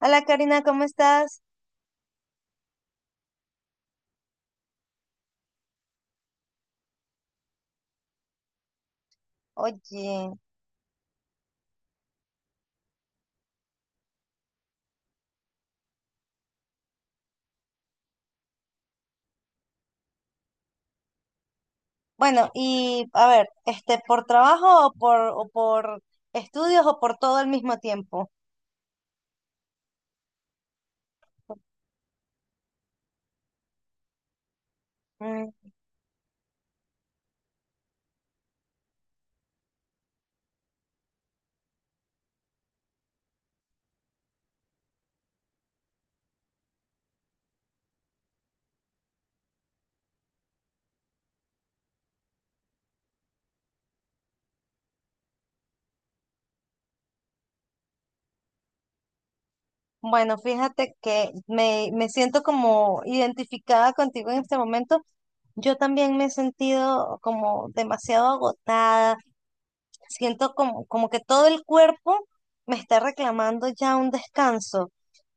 Hola Karina, ¿cómo estás? Oye, bueno, y a ver, ¿por trabajo o por estudios o por todo al mismo tiempo? Mm, bueno, fíjate que me siento como identificada contigo en este momento. Yo también me he sentido como demasiado agotada. Siento como que todo el cuerpo me está reclamando ya un descanso.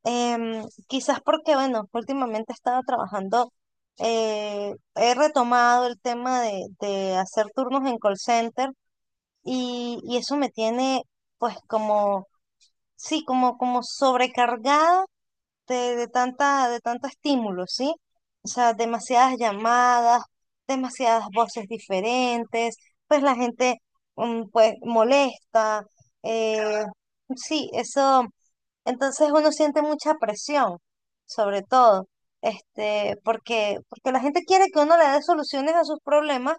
Quizás porque, bueno, últimamente estaba trabajando, he retomado el tema de hacer turnos en call center y eso me tiene pues como, sí, como sobrecargada de tanta, de tanto estímulo, ¿sí? O sea, demasiadas llamadas, demasiadas voces diferentes, pues la gente, pues, molesta, eh, sí, eso, entonces uno siente mucha presión, sobre todo, porque, porque la gente quiere que uno le dé soluciones a sus problemas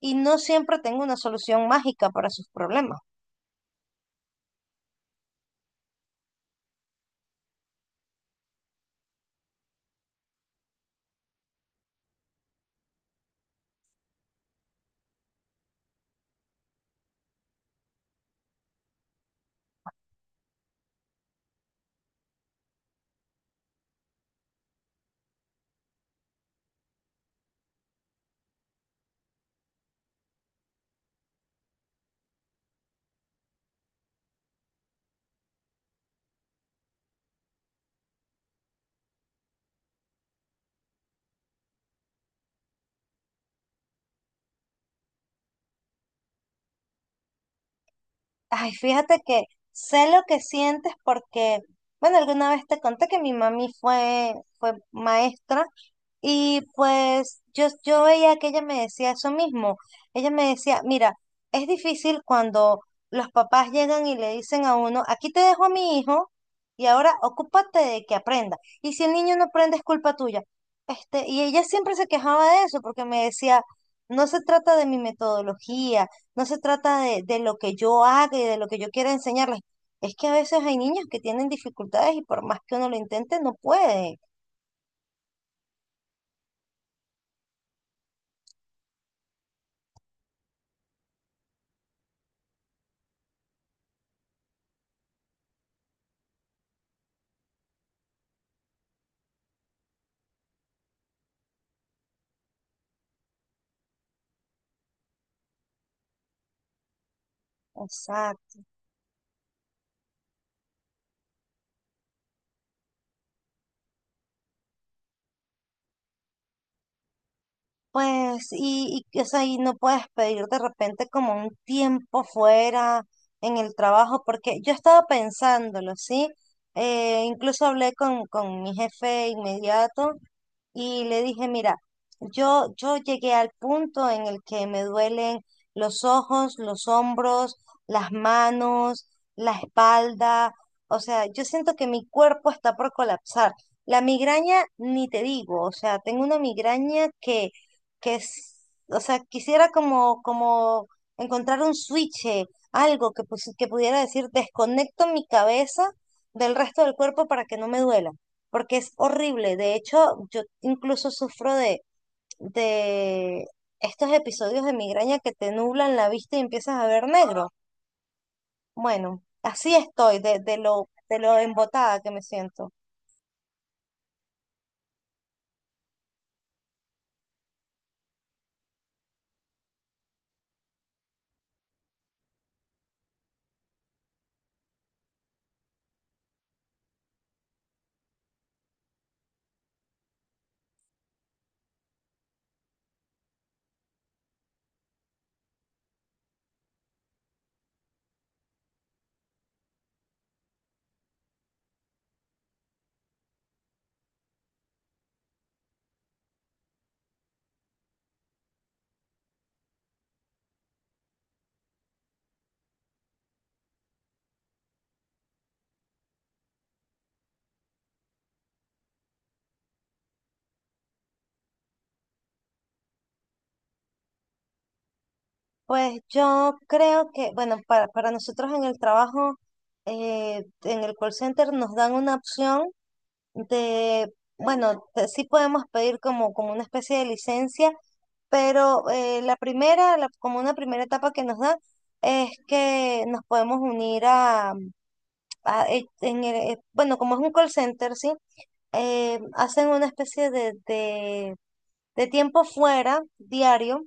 y no siempre tengo una solución mágica para sus problemas. Ay, fíjate que sé lo que sientes porque, bueno, alguna vez te conté que mi mami fue, fue maestra y pues yo veía que ella me decía eso mismo. Ella me decía, mira, es difícil cuando los papás llegan y le dicen a uno, aquí te dejo a mi hijo y ahora ocúpate de que aprenda. Y si el niño no aprende es culpa tuya. Y ella siempre se quejaba de eso porque me decía, no se trata de mi metodología, no se trata de lo que yo haga y de lo que yo quiera enseñarles. Es que a veces hay niños que tienen dificultades y por más que uno lo intente, no puede. Exacto. Pues, o sea, y no puedes pedir de repente como un tiempo fuera en el trabajo, porque yo estaba pensándolo, ¿sí? Incluso hablé con mi jefe inmediato y le dije, mira, yo llegué al punto en el que me duelen los ojos, los hombros, las manos, la espalda, o sea, yo siento que mi cuerpo está por colapsar. La migraña, ni te digo, o sea, tengo una migraña que es, o sea, quisiera como encontrar un switch, algo que, que pudiera decir, desconecto mi cabeza del resto del cuerpo para que no me duela porque es horrible. De hecho, yo incluso sufro de estos episodios de migraña que te nublan la vista y empiezas a ver negro. Bueno, así estoy de lo embotada que me siento. Pues yo creo que, bueno, para nosotros en el trabajo, en el call center nos dan una opción de, bueno, sí podemos pedir como, como una especie de licencia pero la primera, como una primera etapa que nos da, es que nos podemos unir a, en bueno, como es un call center, ¿sí? Hacen una especie de tiempo fuera, diario,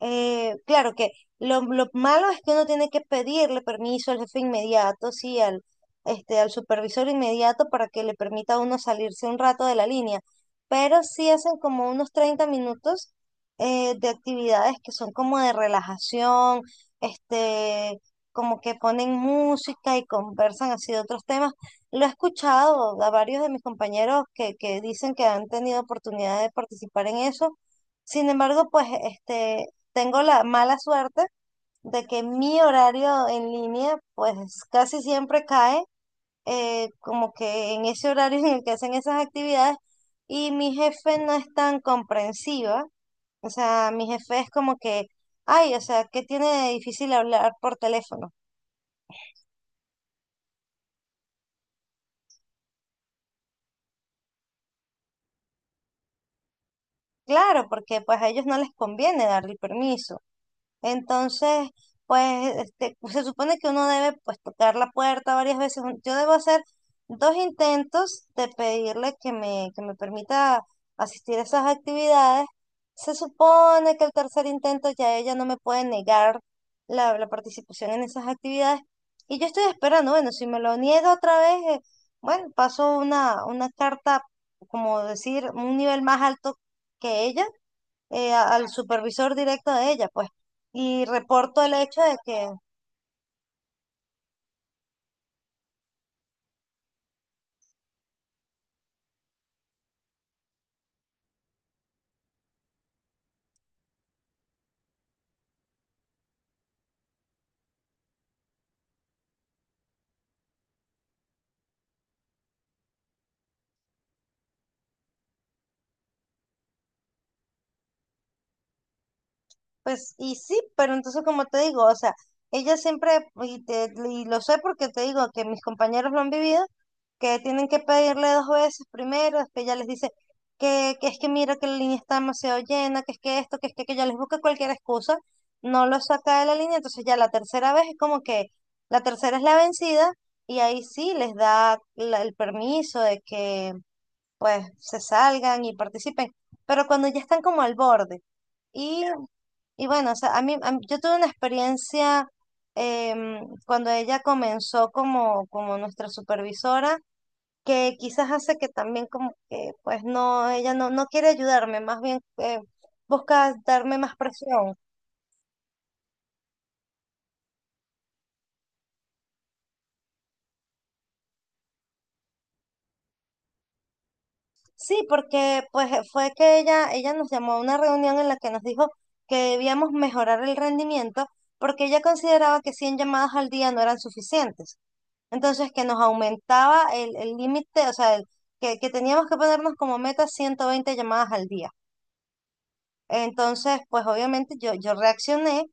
claro que lo malo es que uno tiene que pedirle permiso al jefe inmediato, sí, al, al supervisor inmediato para que le permita a uno salirse un rato de la línea. Pero sí hacen como unos 30 minutos de actividades que son como de relajación, este, como que ponen música y conversan así de otros temas. Lo he escuchado a varios de mis compañeros que dicen que han tenido oportunidad de participar en eso. Sin embargo, pues este tengo la mala suerte de que mi horario en línea pues casi siempre cae como que en ese horario en el que hacen esas actividades y mi jefe no es tan comprensiva. O sea, mi jefe es como que, ay, o sea, ¿qué tiene de difícil hablar por teléfono? Claro, porque pues a ellos no les conviene darle permiso. Entonces, pues se supone que uno debe pues tocar la puerta varias veces. Yo debo hacer dos intentos de pedirle que que me permita asistir a esas actividades. Se supone que el tercer intento ya ella no me puede negar la participación en esas actividades. Y yo estoy esperando, bueno, si me lo niega otra vez, bueno, paso una carta, como decir, un nivel más alto que ella al supervisor directo de ella, pues, y reporto el hecho de que, pues, y sí, pero entonces como te digo, o sea, ella siempre, y lo sé porque te digo que mis compañeros lo han vivido, que tienen que pedirle dos veces primero, es que ella les dice que es que mira que la línea está demasiado llena, que es que esto, que es que aquello, les busca cualquier excusa, no lo saca de la línea, entonces ya la tercera vez es como que la tercera es la vencida y ahí sí les da el permiso de que pues se salgan y participen, pero cuando ya están como al borde. Y, y bueno, o sea, yo tuve una experiencia cuando ella comenzó como, como nuestra supervisora, que quizás hace que también como que, pues no, ella no, no quiere ayudarme, más bien busca darme más presión. Sí, porque pues fue que ella nos llamó a una reunión en la que nos dijo que debíamos mejorar el rendimiento porque ella consideraba que 100 llamadas al día no eran suficientes. Entonces, que nos aumentaba el límite, o sea, que teníamos que ponernos como meta 120 llamadas al día. Entonces, pues obviamente yo reaccioné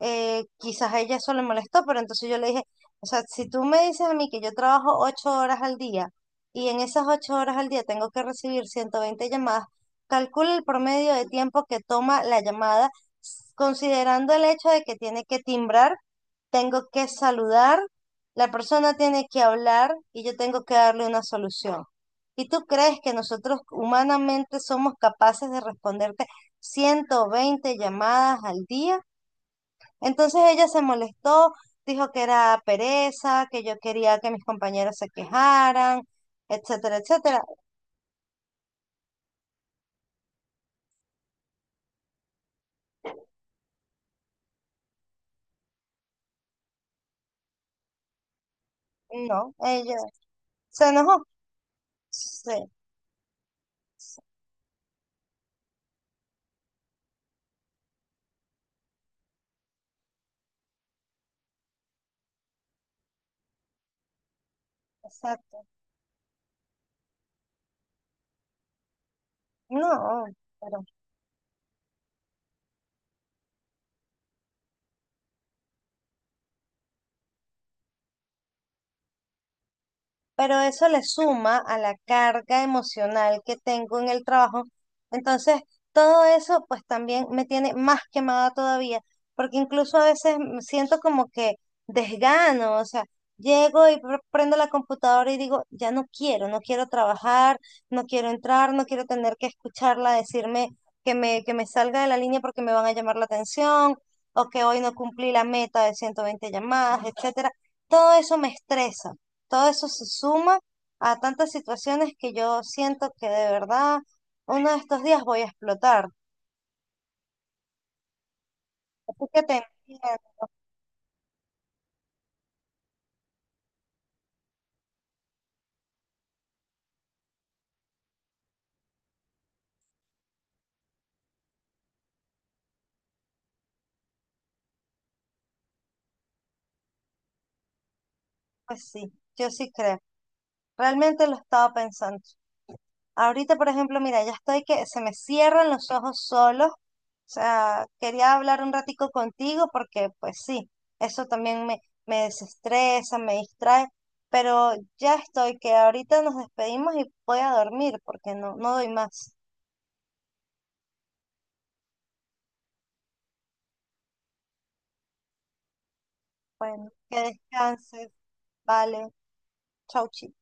quizás a ella eso le molestó, pero entonces yo le dije, o sea, si tú me dices a mí que yo trabajo 8 horas al día y en esas 8 horas al día tengo que recibir 120 llamadas, calcula el promedio de tiempo que toma la llamada, considerando el hecho de que tiene que timbrar, tengo que saludar, la persona tiene que hablar y yo tengo que darle una solución. ¿Y tú crees que nosotros humanamente somos capaces de responderte 120 llamadas al día? Entonces ella se molestó, dijo que era pereza, que yo quería que mis compañeros se quejaran, etcétera, etcétera. No, ella se enojó. Sí, exacto. No, pero pero eso le suma a la carga emocional que tengo en el trabajo. Entonces, todo eso pues también me tiene más quemada todavía, porque incluso a veces me siento como que desgano, o sea, llego y prendo la computadora y digo, ya no quiero, no quiero trabajar, no quiero entrar, no quiero tener que escucharla decirme que que me salga de la línea porque me van a llamar la atención, o que hoy no cumplí la meta de 120 llamadas, etcétera. Todo eso me estresa. Todo eso se suma a tantas situaciones que yo siento que de verdad uno de estos días voy a explotar. Así que te entiendo, pues sí, yo sí creo. Realmente lo estaba pensando. Ahorita, por ejemplo, mira, ya estoy que se me cierran los ojos solos. O sea, quería hablar un ratico contigo porque, pues sí, eso también me desestresa, me distrae, pero ya estoy que ahorita nos despedimos y voy a dormir porque no, no doy más. Bueno, que descanses. Vale, chau, chi.